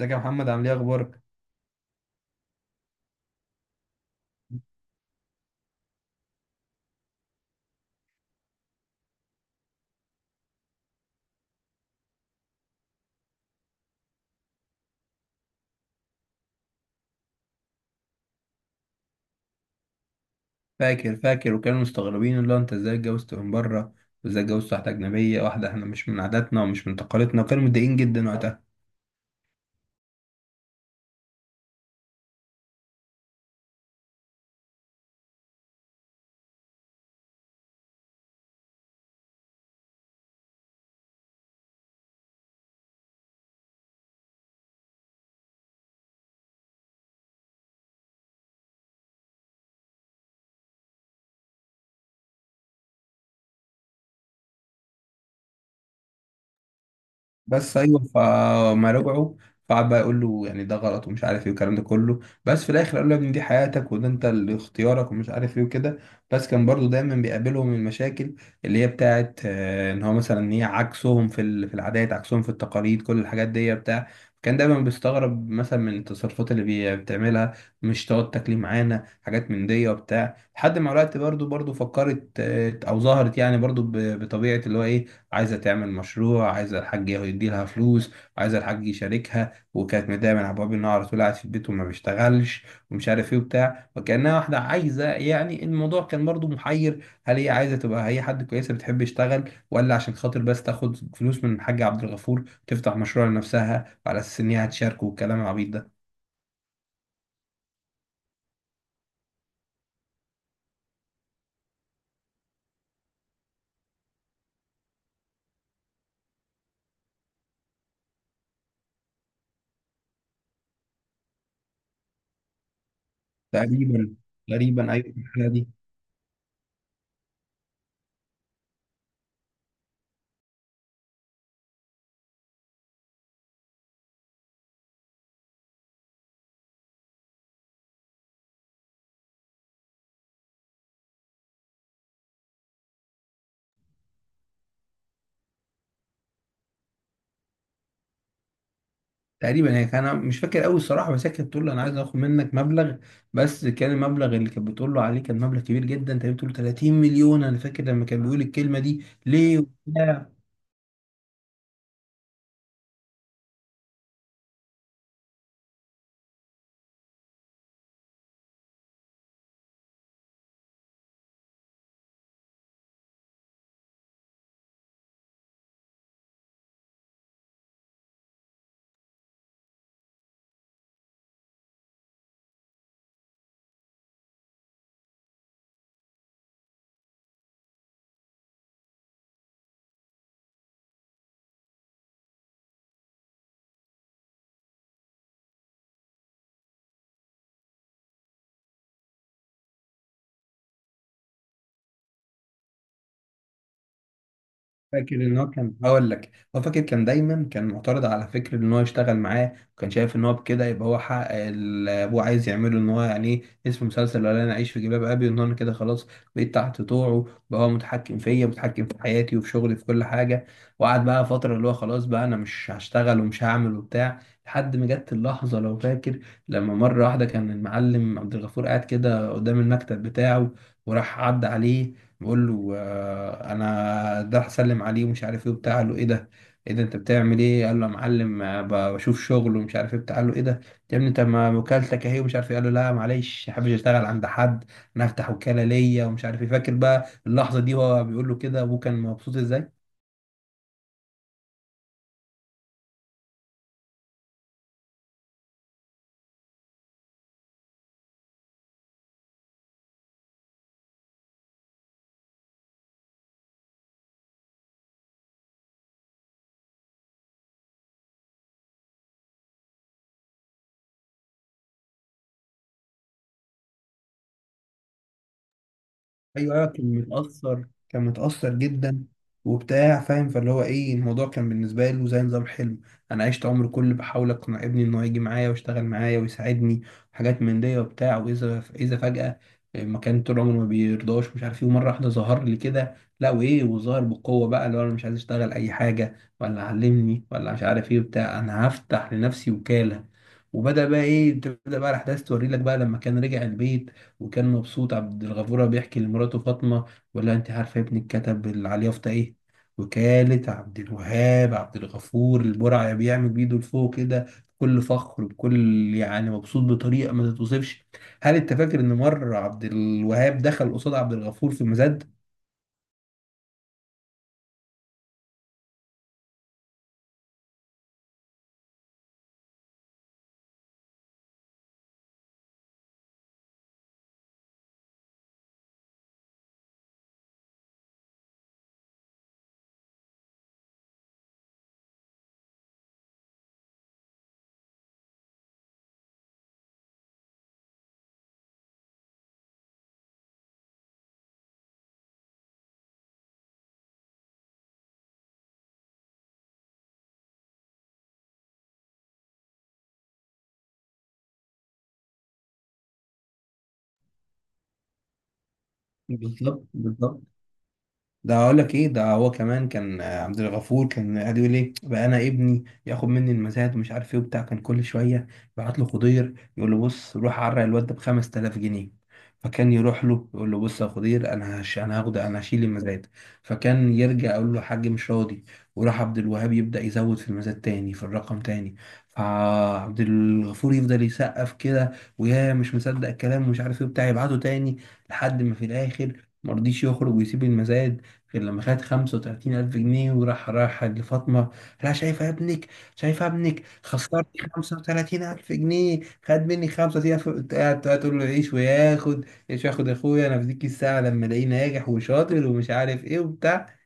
ازيك يا محمد؟ عامل ايه؟ اخبارك؟ فاكر وكانوا مستغربين اللي هو انت ازاي اتجوزت من بره، وازاي اتجوزت واحده اجنبيه، واحده احنا مش من عاداتنا ومش من تقاليدنا، وكانوا متضايقين جدا وقتها. بس ايوه، فما رجعوا فقعد بقى يقول له يعني ده غلط ومش عارف ايه والكلام ده كله، بس في الاخر قال له يا ابني دي حياتك وده انت اللي اختيارك ومش عارف ايه وكده. بس كان برضو دايما بيقابلهم المشاكل اللي هي بتاعت ان هو مثلا، ان هي عكسهم في في العادات، عكسهم في التقاليد، كل الحاجات دي بتاع. كان دايما بيستغرب مثلا من التصرفات اللي بتعملها. مش تقعد تاكلي معانا حاجات من دي وبتاع، لحد ما الوقت برضو فكرت او ظهرت، يعني برضو بطبيعة اللي هو ايه، عايزة تعمل مشروع، عايزة الحاج يدي لها فلوس، وعايزة الحاج يشاركها. وكانت متضايقة من عبد الوهاب إن هو على طول قاعد في البيت وما بيشتغلش، ومش عارف إيه وبتاع، وكأنها واحدة عايزة، يعني الموضوع كان برضو محير، هل هي عايزة تبقى هي حد كويسة بتحب يشتغل، ولا عشان خاطر بس تاخد فلوس من الحاج عبد الغفور تفتح مشروع لنفسها وعلى أساس إن هي هتشاركه والكلام العبيط ده. تقريبا. تقريبا أيوة. تقريبا هي كان، أنا مش فاكر قوي الصراحه، بس هي كانت بتقول له انا عايز اخد منك مبلغ، بس كان المبلغ اللي كانت بتقول له عليه كان مبلغ كبير جدا، تقريبا بتقول له 30 مليون. انا فاكر لما كان بيقول الكلمه دي ليه وبتاع. فاكر ان هو كان، هقول لك هو فاكر، كان دايما كان معترض على فكره ان هو يشتغل معاه، وكان شايف ان هو بكده يبقى هو حقق اللي ابوه عايز يعمله، ان هو يعني ايه اسم مسلسل، ولا انا اعيش في جلباب ابي، ان انا كده خلاص بقيت تحت طوعه، بقى هو متحكم فيا، متحكم في حياتي وفي شغلي في كل حاجه. وقعد بقى فتره اللي هو خلاص بقى انا مش هشتغل ومش هعمل وبتاع، لحد ما جت اللحظه لو فاكر، لما مره واحده كان المعلم عبد الغفور قاعد كده قدام المكتب بتاعه، وراح عدى عليه بقول له انا ده هسلم عليه ومش عارف ايه وبتاع. قال له ايه ده؟ ايه ده انت بتعمل ايه؟ قال له يا معلم، بشوف شغل ومش عارف ايه بتاع. قال له ايه ده يا ابني، انت ما وكالتك اهي، ومش عارف ايه. قال له لا معلش، ما حابش اشتغل عند حد، انا هفتح وكالة ليا ومش عارف ايه. فاكر بقى اللحظة دي وهو بيقول له كده ابوه كان مبسوط ازاي. ايوه ايوه، كان متأثر، كان متأثر جدا وبتاع، فاهم؟ فاللي هو ايه، الموضوع كان بالنسبة له زي نظام حلم، انا عشت عمري كله بحاول اقنع ابني انه يجي معايا ويشتغل معايا ويساعدني، حاجات من دي وبتاع، واذا اذا فجأة، ما كان طول عمره ما بيرضاش مش عارف ايه، ومرة واحدة ظهر لي كده، لا وايه، وظهر بقوة بقى اللي هو انا مش عايز اشتغل اي حاجة ولا علمني ولا مش عارف ايه وبتاع، انا هفتح لنفسي وكالة. وبدأ بقى ايه، تبدأ بقى الاحداث توري لك بقى، لما كان رجع البيت وكان مبسوط عبد الغفور، وهو بيحكي لمراته فاطمة، ولا انت عارفة ابني اتكتب على اليافطة ايه؟ وكالة عبد الوهاب عبد الغفور البرعي، بيعمل بيده لفوق كده بكل فخر، بكل يعني مبسوط بطريقة ما تتوصفش. هل انت فاكر ان مرة عبد الوهاب دخل قصاد عبد الغفور في مزاد؟ بالظبط بالظبط. ده اقول لك ايه، ده هو كمان كان، عبد الغفور كان قاعد يقول ايه بقى، انا ابني ياخد مني المزاد ومش عارف ايه وبتاع، كان كل شويه يبعت له خضير يقول له بص روح عرق الواد ده ب 5000 جنيه. فكان يروح له يقول له بص يا خضير، انا هش، انا هاخد، انا هشيل المزاد. فكان يرجع يقول له، حاج مش راضي. وراح عبد الوهاب يبدا يزود في المزاد تاني، في الرقم تاني. فعبد الغفور يفضل يسقف كده، ويا مش مصدق الكلام ومش عارف ايه وبتاع، يبعته تاني، لحد ما في الاخر مرضيش يخرج ويسيب المزاد غير لما خد 35000 جنيه. وراح لفاطمة. لا شايفة ابنك، شايفة ابنك خسرت 35000 جنيه، خد مني 35000، قاعد تقول له عيش وياخد، عيش وياخد، يا أخويا أنا في ديك الساعة لما ألاقيه ناجح وشاطر ومش عارف إيه وبتاع.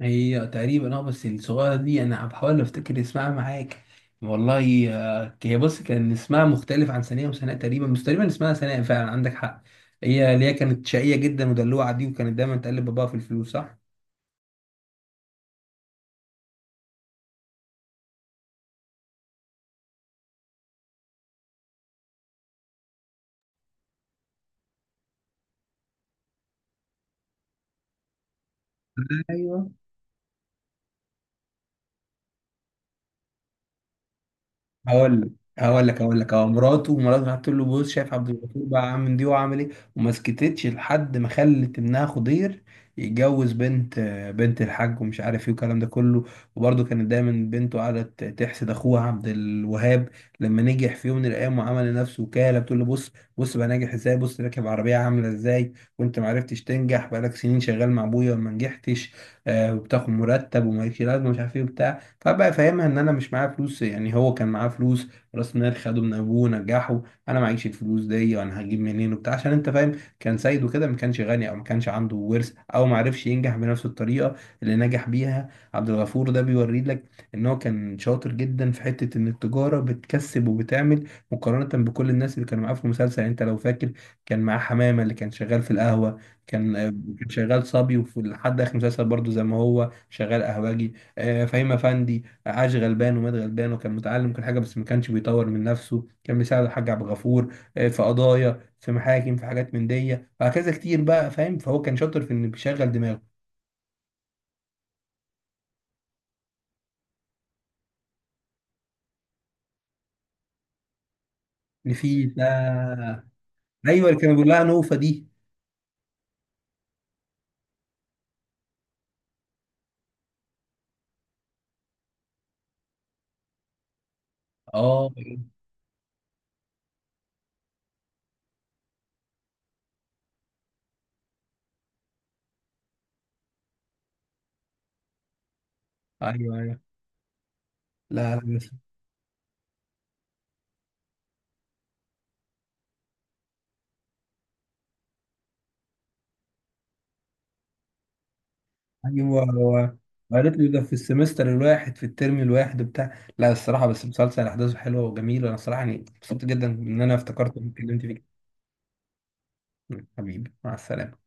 هي تقريبا أه، بس الصغيرة دي أنا بحاول أفتكر اسمها معاك. والله، هي بص، كان اسمها مختلف عن ثانية وسناء تقريبا، بس تقريبا اسمها ثناء فعلا، عندك حق. هي اللي هي كانت شقية جدا ودلوعة دي، وكانت دايما تقلب باباها في الفلوس، صح؟ ايوه. هقول لك هقول لك هو، مراته راحت تقول له بص شايف عبد الغفور بقى عامل دي وعامل ايه، وما سكتتش لحد ما خلت ابنها خضير يتجوز بنت الحاج ومش عارف ايه والكلام ده كله. وبرده كانت دايما بنته قعدت تحسد اخوها عبد الوهاب لما نجح في يوم من الايام وعمل لنفسه وكاله، بتقول له بص بص بقى ناجح ازاي، بص راكب عربيه عامله ازاي، وانت ما عرفتش تنجح، بقالك سنين شغال مع ابويا وما نجحتش، آه، وبتاخد مرتب ومالكش لازمه مش عارف ايه وبتاع. فبقى فاهمها ان انا مش معايا فلوس، يعني هو كان معاه فلوس، راس مال خده من ابوه ونجحه، انا معيش الفلوس دي، وانا هجيب منين وبتاع؟ عشان انت فاهم، كان سيد كده، ما كانش غني او ما كانش عنده ورث، او ما عرفش ينجح بنفس الطريقه اللي نجح بيها عبد الغفور. ده بيوري لك ان هو كان شاطر جدا في حته ان التجاره بتكسب وبتعمل مقارنه بكل الناس اللي كانوا معاه في المسلسل. يعني انت لو فاكر، كان معاه حمامه اللي كان شغال في القهوه، كان كان شغال صبي، وفي لحد اخر المسلسل برضه زي ما هو شغال قهوجي. فهيم افندي عاش غلبان ومات غلبان، وكان متعلم كل حاجه بس ما كانش بيطور من نفسه، كان بيساعد الحاج عبد الغفور في قضايا، في محاكم، في حاجات من دي، وهكذا كتير بقى، فاهم؟ فهو كان شاطر في انه بيشغل دماغه. اللي فيه ده؟ ايوه، اللي كانوا بيقول لها نوفه دي. اه. ايوه ايوه. لا لا، بس. ايوه. هو قالت له ده في السمستر الواحد في الترم الواحد وبتاع. لا الصراحه، بس مسلسل احداثه حلوه وجميله، انا الصراحه يعني مبسوط جدا ان انا افتكرت إني اتكلمت فيه. حبيبي مع السلامه.